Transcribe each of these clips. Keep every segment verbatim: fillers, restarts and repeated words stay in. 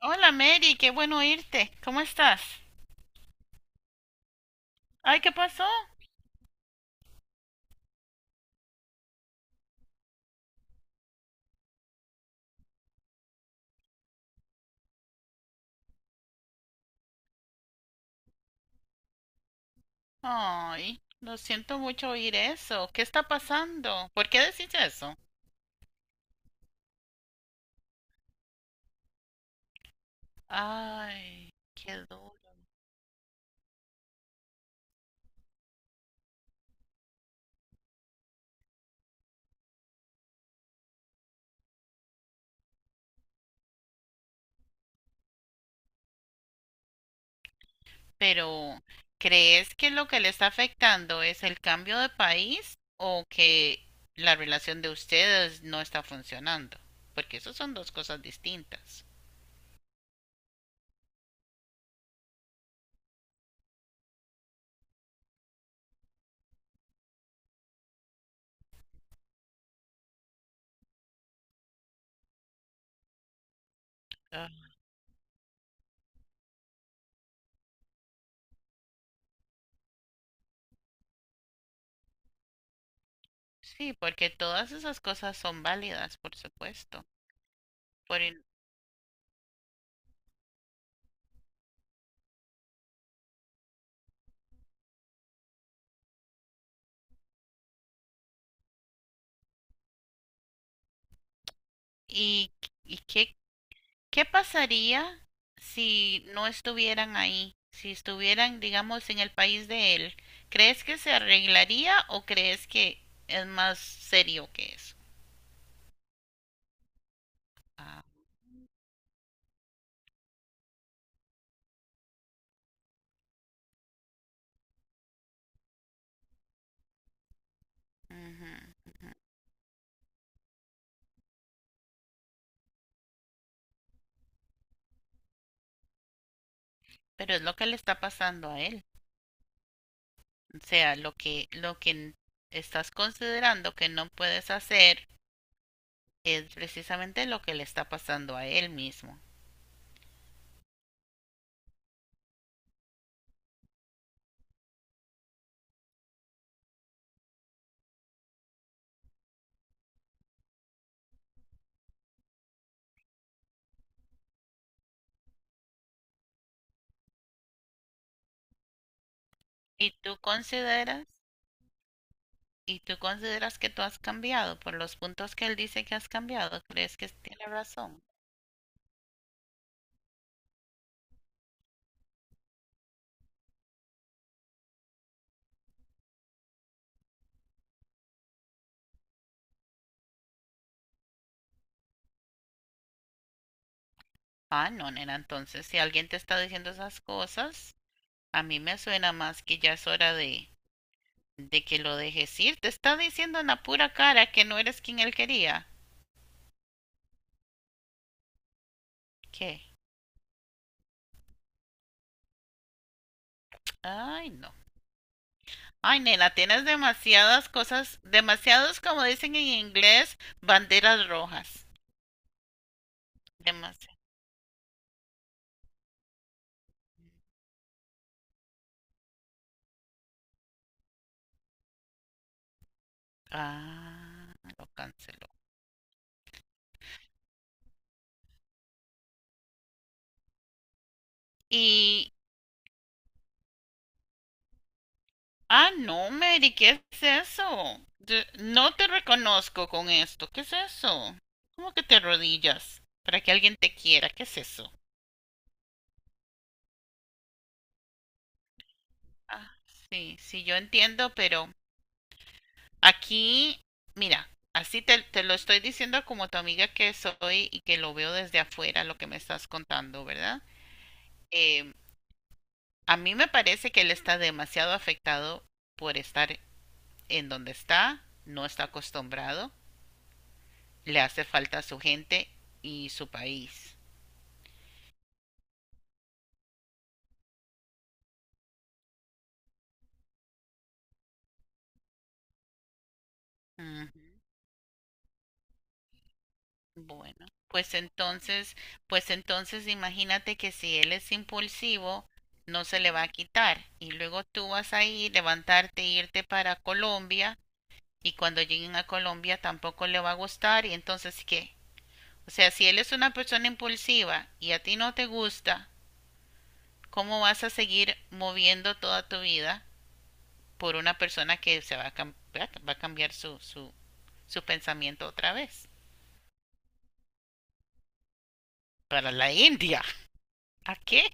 Hola Mary, qué bueno oírte. ¿Cómo estás? Ay, ¿qué pasó? Ay, lo siento mucho oír eso. ¿Qué está pasando? ¿Por qué decís eso? Ay, qué duro. Pero, ¿crees que lo que le está afectando es el cambio de país o que la relación de ustedes no está funcionando? Porque eso son dos cosas distintas. Ah, sí, porque todas esas cosas son válidas, por supuesto. Por el- ¿Y, y qué ¿Qué pasaría si no estuvieran ahí? Si estuvieran, digamos, en el país de él. ¿Crees que se arreglaría o crees que es más serio que eso? Ah, ujú. Pero es lo que le está pasando a él. O sea, lo que, lo que estás considerando que no puedes hacer es precisamente lo que le está pasando a él mismo. ¿Y tú consideras, ¿Y tú consideras que tú has cambiado por los puntos que él dice que has cambiado? ¿Crees que tiene razón? Ah, no, nena, entonces si alguien te está diciendo esas cosas, a mí me suena más que ya es hora de, de que lo dejes ir. Te está diciendo en la pura cara que no eres quien él quería. ¿Qué? Ay, no. Ay, nena, tienes demasiadas cosas, demasiados, como dicen en inglés, banderas rojas. Demasiado. Ah, lo canceló. Y ah, no, Mary, ¿qué es eso? Te- no te reconozco con esto. ¿Qué es eso? ¿Cómo que te arrodillas para que alguien te quiera? ¿Qué es eso? Ah, sí, sí, yo entiendo, pero aquí, mira, así te, te lo estoy diciendo como tu amiga que soy y que lo veo desde afuera lo que me estás contando, ¿verdad? Eh, a mí me parece que él está demasiado afectado por estar en donde está, no está acostumbrado, le hace falta a su gente y su país. Ujú. Bueno, pues entonces, pues entonces imagínate que si él es impulsivo, no se le va a quitar y luego tú vas a ir, levantarte, e irte para Colombia y cuando lleguen a Colombia tampoco le va a gustar y entonces ¿qué? O sea, si él es una persona impulsiva y a ti no te gusta, ¿cómo vas a seguir moviendo toda tu vida por una persona que se va a, cam- va a cambiar su, su, su pensamiento otra vez? Para la India. ¿A qué?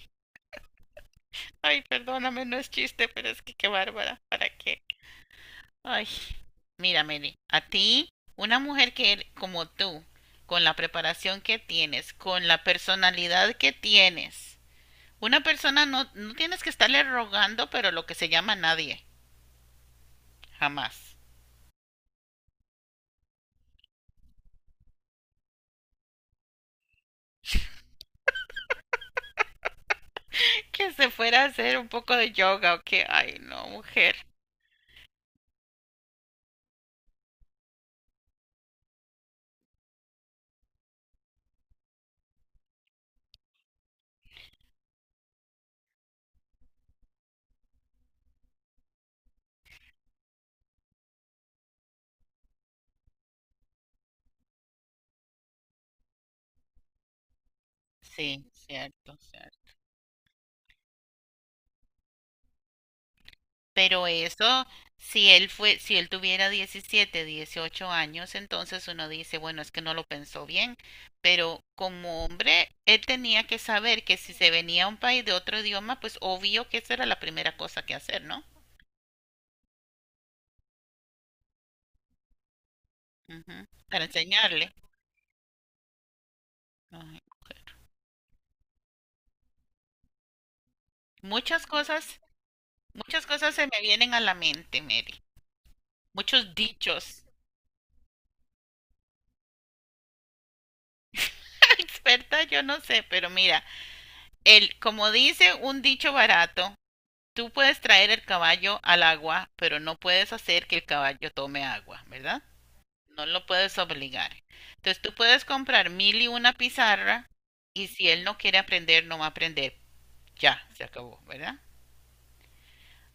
Ay, perdóname, no es chiste, pero es que qué bárbara. ¿Para qué? Ay, mira, Meli, a ti, una mujer que er- como tú, con la preparación que tienes, con la personalidad que tienes, una persona no, no tienes que estarle rogando, pero lo que se llama nadie, jamás. Que se fuera a hacer un poco de yoga o que, ay, no, mujer. Sí, cierto, cierto. Pero eso, si él fue, si él tuviera diecisiete dieciocho años, entonces uno dice, bueno, es que no lo pensó bien, pero como hombre, él tenía que saber que si se venía a un país de otro idioma, pues obvio que esa era la primera cosa que hacer, ¿no? Ujú, para enseñarle. Ay, mujer. Muchas cosas, muchas cosas se me vienen a la mente, Mary. Muchos dichos. Experta, yo no sé, pero mira, el, como dice un dicho barato, tú puedes traer el caballo al agua, pero no puedes hacer que el caballo tome agua, ¿verdad? No lo puedes obligar. Entonces tú puedes comprar mil y una pizarra y si él no quiere aprender, no va a aprender. Ya, se acabó, ¿verdad?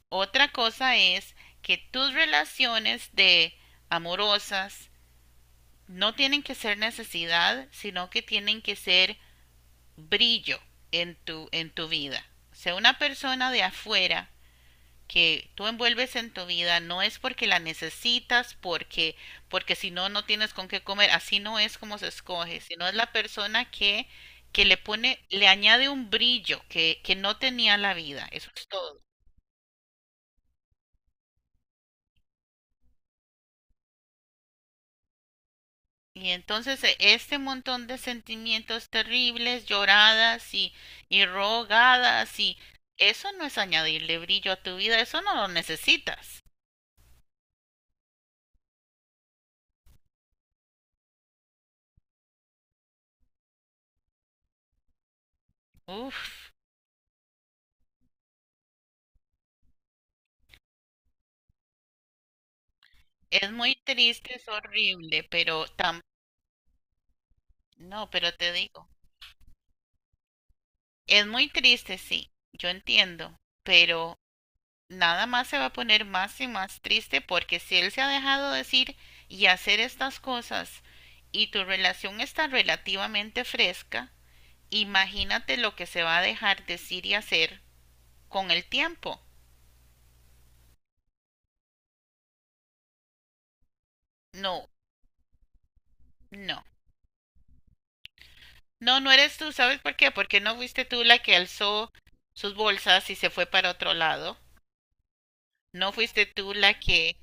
Otra cosa es que tus relaciones de amorosas no tienen que ser necesidad, sino que tienen que ser brillo en tu, en tu vida. O sea, una persona de afuera que tú envuelves en tu vida no es porque la necesitas, porque, porque si no, no tienes con qué comer. Así no es como se escoge, sino es la persona que, que le pone, le añade un brillo que, que no tenía la vida. Eso es todo. Y entonces e- este montón de sentimientos terribles, lloradas y, y rogadas y eso no es añadirle brillo a tu vida, eso no lo necesitas. Uf, es muy triste, es horrible, pero tam, no, pero te digo. Es muy triste, sí, yo entiendo, pero nada más se va a poner más y más triste porque si él se ha dejado decir y hacer estas cosas y tu relación está relativamente fresca, imagínate lo que se va a dejar decir y hacer con el tiempo. No, no. No, no eres tú, ¿sabes por qué? Porque no fuiste tú la que alzó sus bolsas y se fue para otro lado. No fuiste tú la que...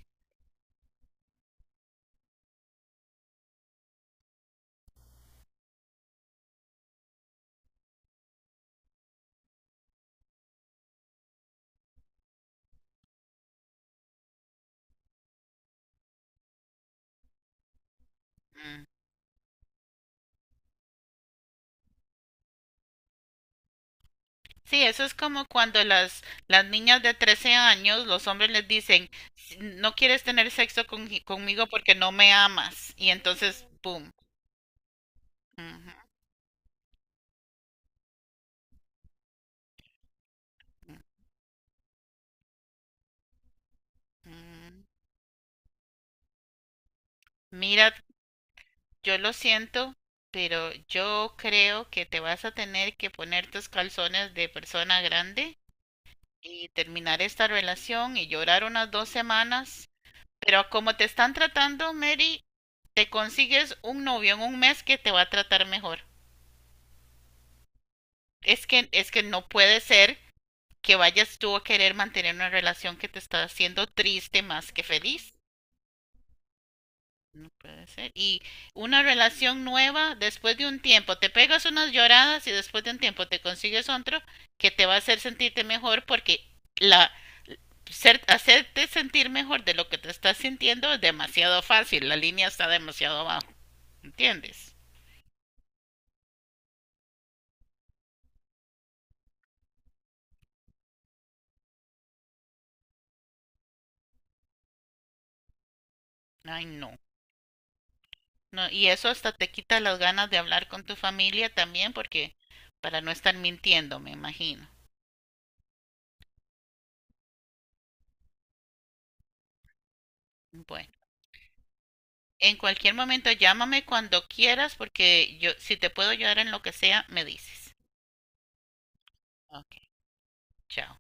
Mm. Sí, eso es como cuando las, las niñas de trece años, los hombres les dicen, "Si no quieres tener sexo con- conmigo porque no me amas". Y entonces, ¡boom! Ujú, ujú. Mira, yo lo siento, pero yo creo que te vas a tener que poner tus calzones de persona grande y terminar esta relación y llorar unas dos semanas. Pero como te están tratando, Mary, te consigues un novio en un mes que te va a tratar mejor. Es que, es que no puede ser que vayas tú a querer mantener una relación que te está haciendo triste más que feliz. No puede ser. Y una relación nueva, después de un tiempo, te pegas unas lloradas y después de un tiempo te consigues otro que te va a hacer sentirte mejor porque la ser, hacerte sentir mejor de lo que te estás sintiendo es demasiado fácil, la línea está demasiado abajo, ¿entiendes? Ay, no, no. Y eso hasta te quita las ganas de hablar con tu familia también porque para no estar mintiendo, me imagino. Bueno. En cualquier momento llámame cuando quieras porque yo si te puedo ayudar en lo que sea, me dices. Ok, chao.